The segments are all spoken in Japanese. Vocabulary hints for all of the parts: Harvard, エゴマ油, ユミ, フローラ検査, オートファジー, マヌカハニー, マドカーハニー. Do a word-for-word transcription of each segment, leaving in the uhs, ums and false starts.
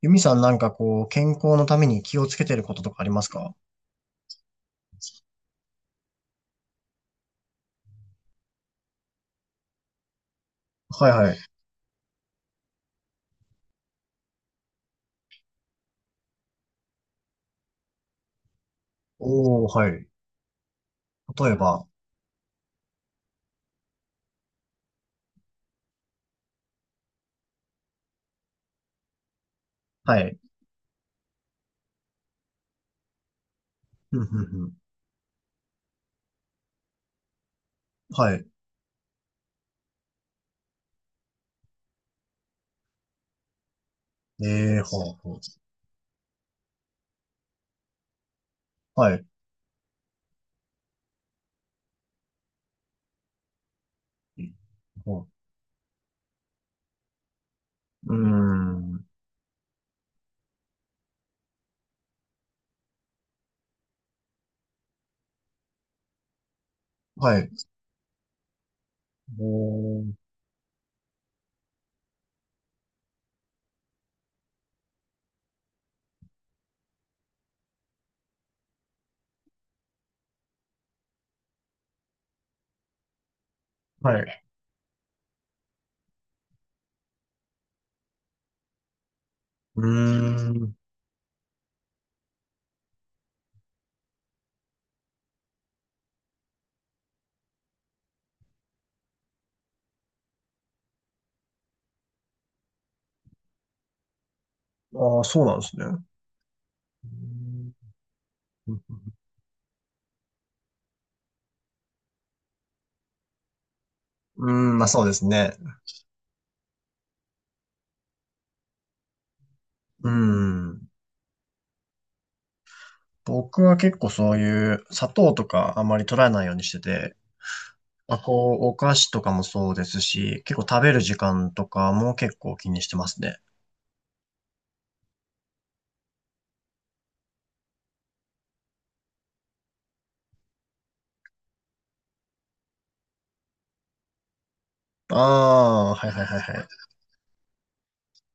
ユミさん、なんかこう、健康のために気をつけてることとかありますか？はいはい。おー、はい。例えば。はい。ふんふんふん。はい。えー、ほうほう。はい。ほう。うーん。はい。おー、はい。うーん。ああ、そうなんですね。うーん、うーん、まあそうですね。うーん。僕は結構そういう砂糖とかあんまり取らないようにしてて、まあ、こう、お菓子とかもそうですし、結構食べる時間とかも結構気にしてますね。ああ、はいはいはいはい。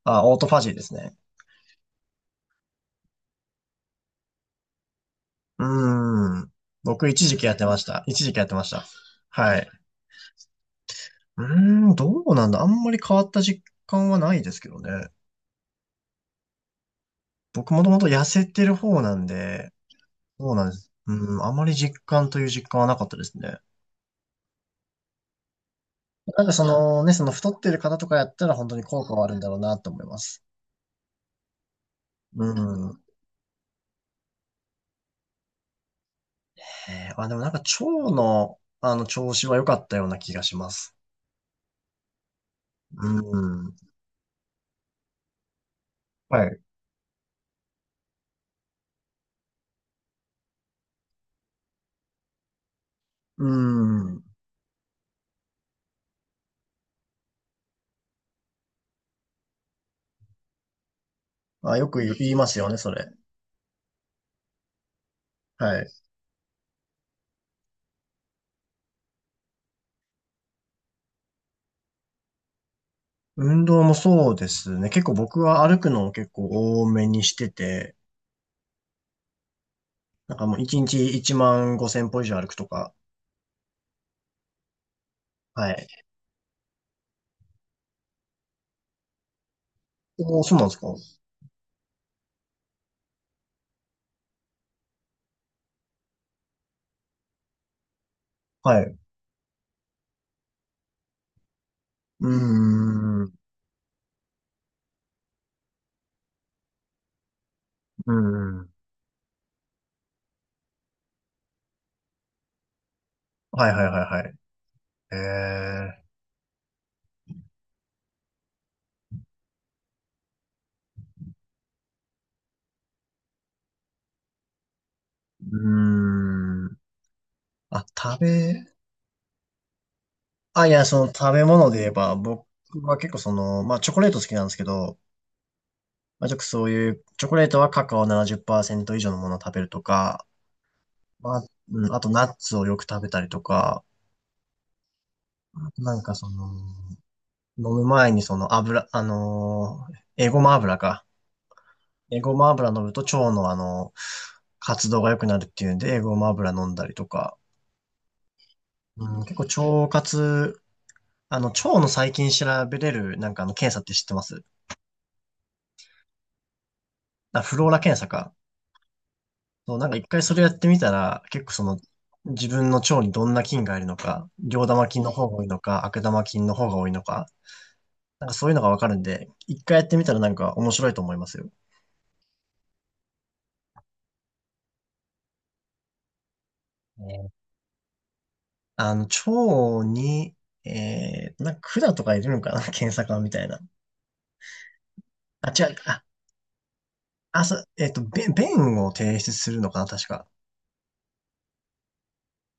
あ、オートファジーですね。うーん。僕、一時期やってました。一時期やってました。はい。うーん、どうなんだ。あんまり変わった実感はないですけどね。僕、もともと痩せてる方なんで、そうなんです。うん、あまり実感という実感はなかったですね。なんかそのね、その太ってる方とかやったら本当に効果はあるんだろうなと思います。うん。えー、あ、でもなんか腸の、あの、調子は良かったような気がします。うん。はい。うん。あ、よく言いますよね、それ。はい。運動もそうですね。結構僕は歩くのを結構多めにしてて、なんかもういちにちいちまんごせん歩以上歩くとか。はい。おー、そうなんですか？はい。うーん。うーん。はいはいはいはい。えー。うーん。あ、食べ、あ、いや、その食べ物で言えば、僕は結構その、まあチョコレート好きなんですけど、まあちょっとそういう、チョコレートはカカオななじゅっパーセント以上のものを食べるとか、まあ、うん、あとナッツをよく食べたりとか、なんかその、飲む前にその油、あのー、エゴマ油か。エゴマ油飲むと腸のあの、活動が良くなるっていうんで、エゴマ油飲んだりとか、うん、結構腸活、あの、腸の細菌調べれる、なんかあの、検査って知ってます？あ、フローラ検査か。そう、なんか一回それやってみたら、結構その、自分の腸にどんな菌がいるのか、両玉菌の方が多いのか、悪玉菌の方が多いのか、なんかそういうのがわかるんで、一回やってみたらなんか面白いと思いますよ。ね、あの、腸に、えー、なんか管とかいるのかな 検査官みたいな。あ、違う。あ、あ、そう、えっと、べ便を提出するのかな、確か。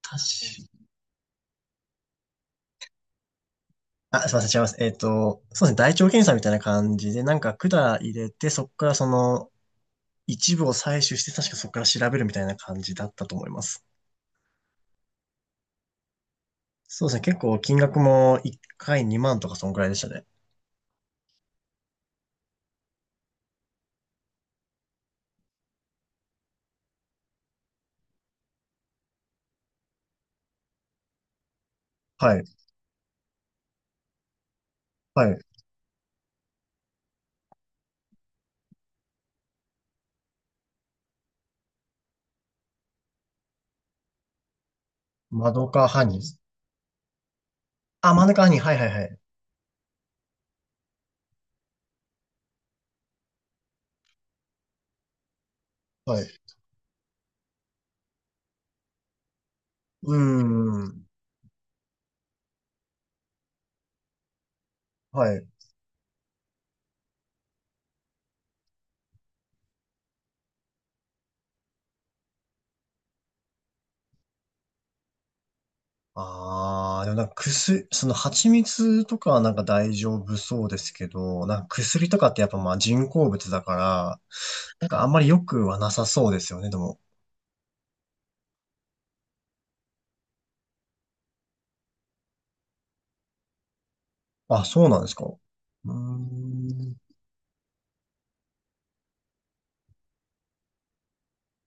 確か、あ、すいません、違います。えっと、そうですね、大腸検査みたいな感じで、なんか管入れて、そこからその、一部を採取して、確かそこから調べるみたいな感じだったと思います。そうですね。結構金額もいっかいにまんとかそんくらいでしたね。はい。はい。マドカーハニー。あ、マドカーハニー。はいはいはい。はい。うーん。はい。ああ、でもなんか薬、その蜂蜜とかはなんか大丈夫そうですけど、なんか薬とかってやっぱまあ人工物だから、なんかあんまり良くはなさそうですよね、でも。あ、そうなんですか。うーん。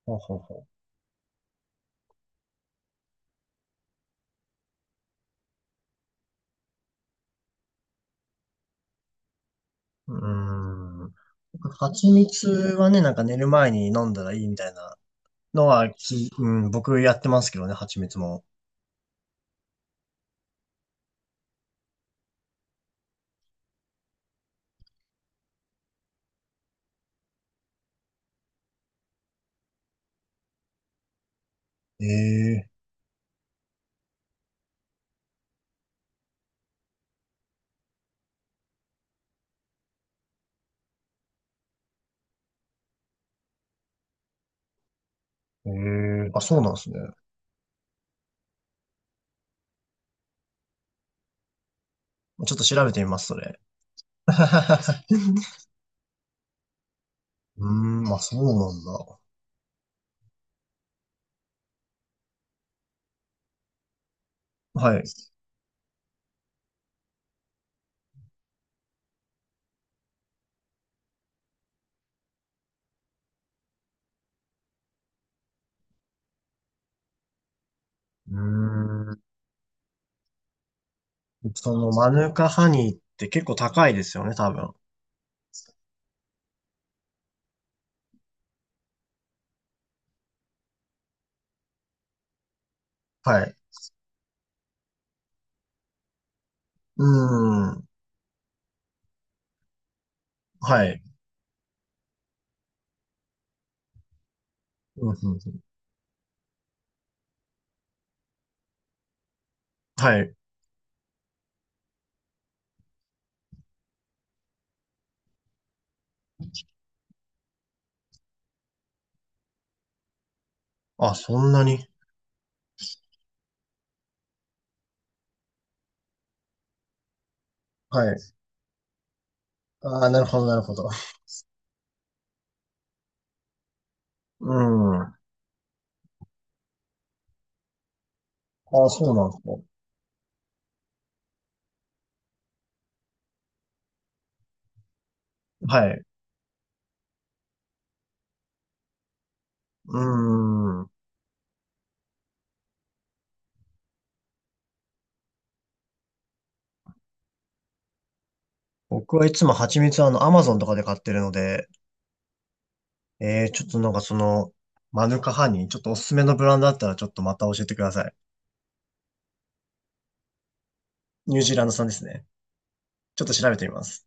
ほうほうほう。うーん。な蜂蜜はね、なんか寝る前に飲んだらいいみたいなのはき、うん、僕やってますけどね、蜂蜜も。ええええ、あ、そうなんですね。ちょっと調べてみます、それ。うーん、まあそうなんだ。はい。うーん、そのマヌカハニーって結構高いですよね、多分。はい。うーん、はい。うんうんうん、はい。あ、そんなに。はい。ああ、なるほど、なるほど。うん。ああ、そうなんですか？はい。うーん。僕はいつも蜂蜜はあの、アマゾンとかで買ってるので、えー、ちょっとなんかその、マヌカハニー、ちょっとおすすめのブランドあったらちょっとまた教えてください。ニュージーランド産ですね。ちょっと調べてみます。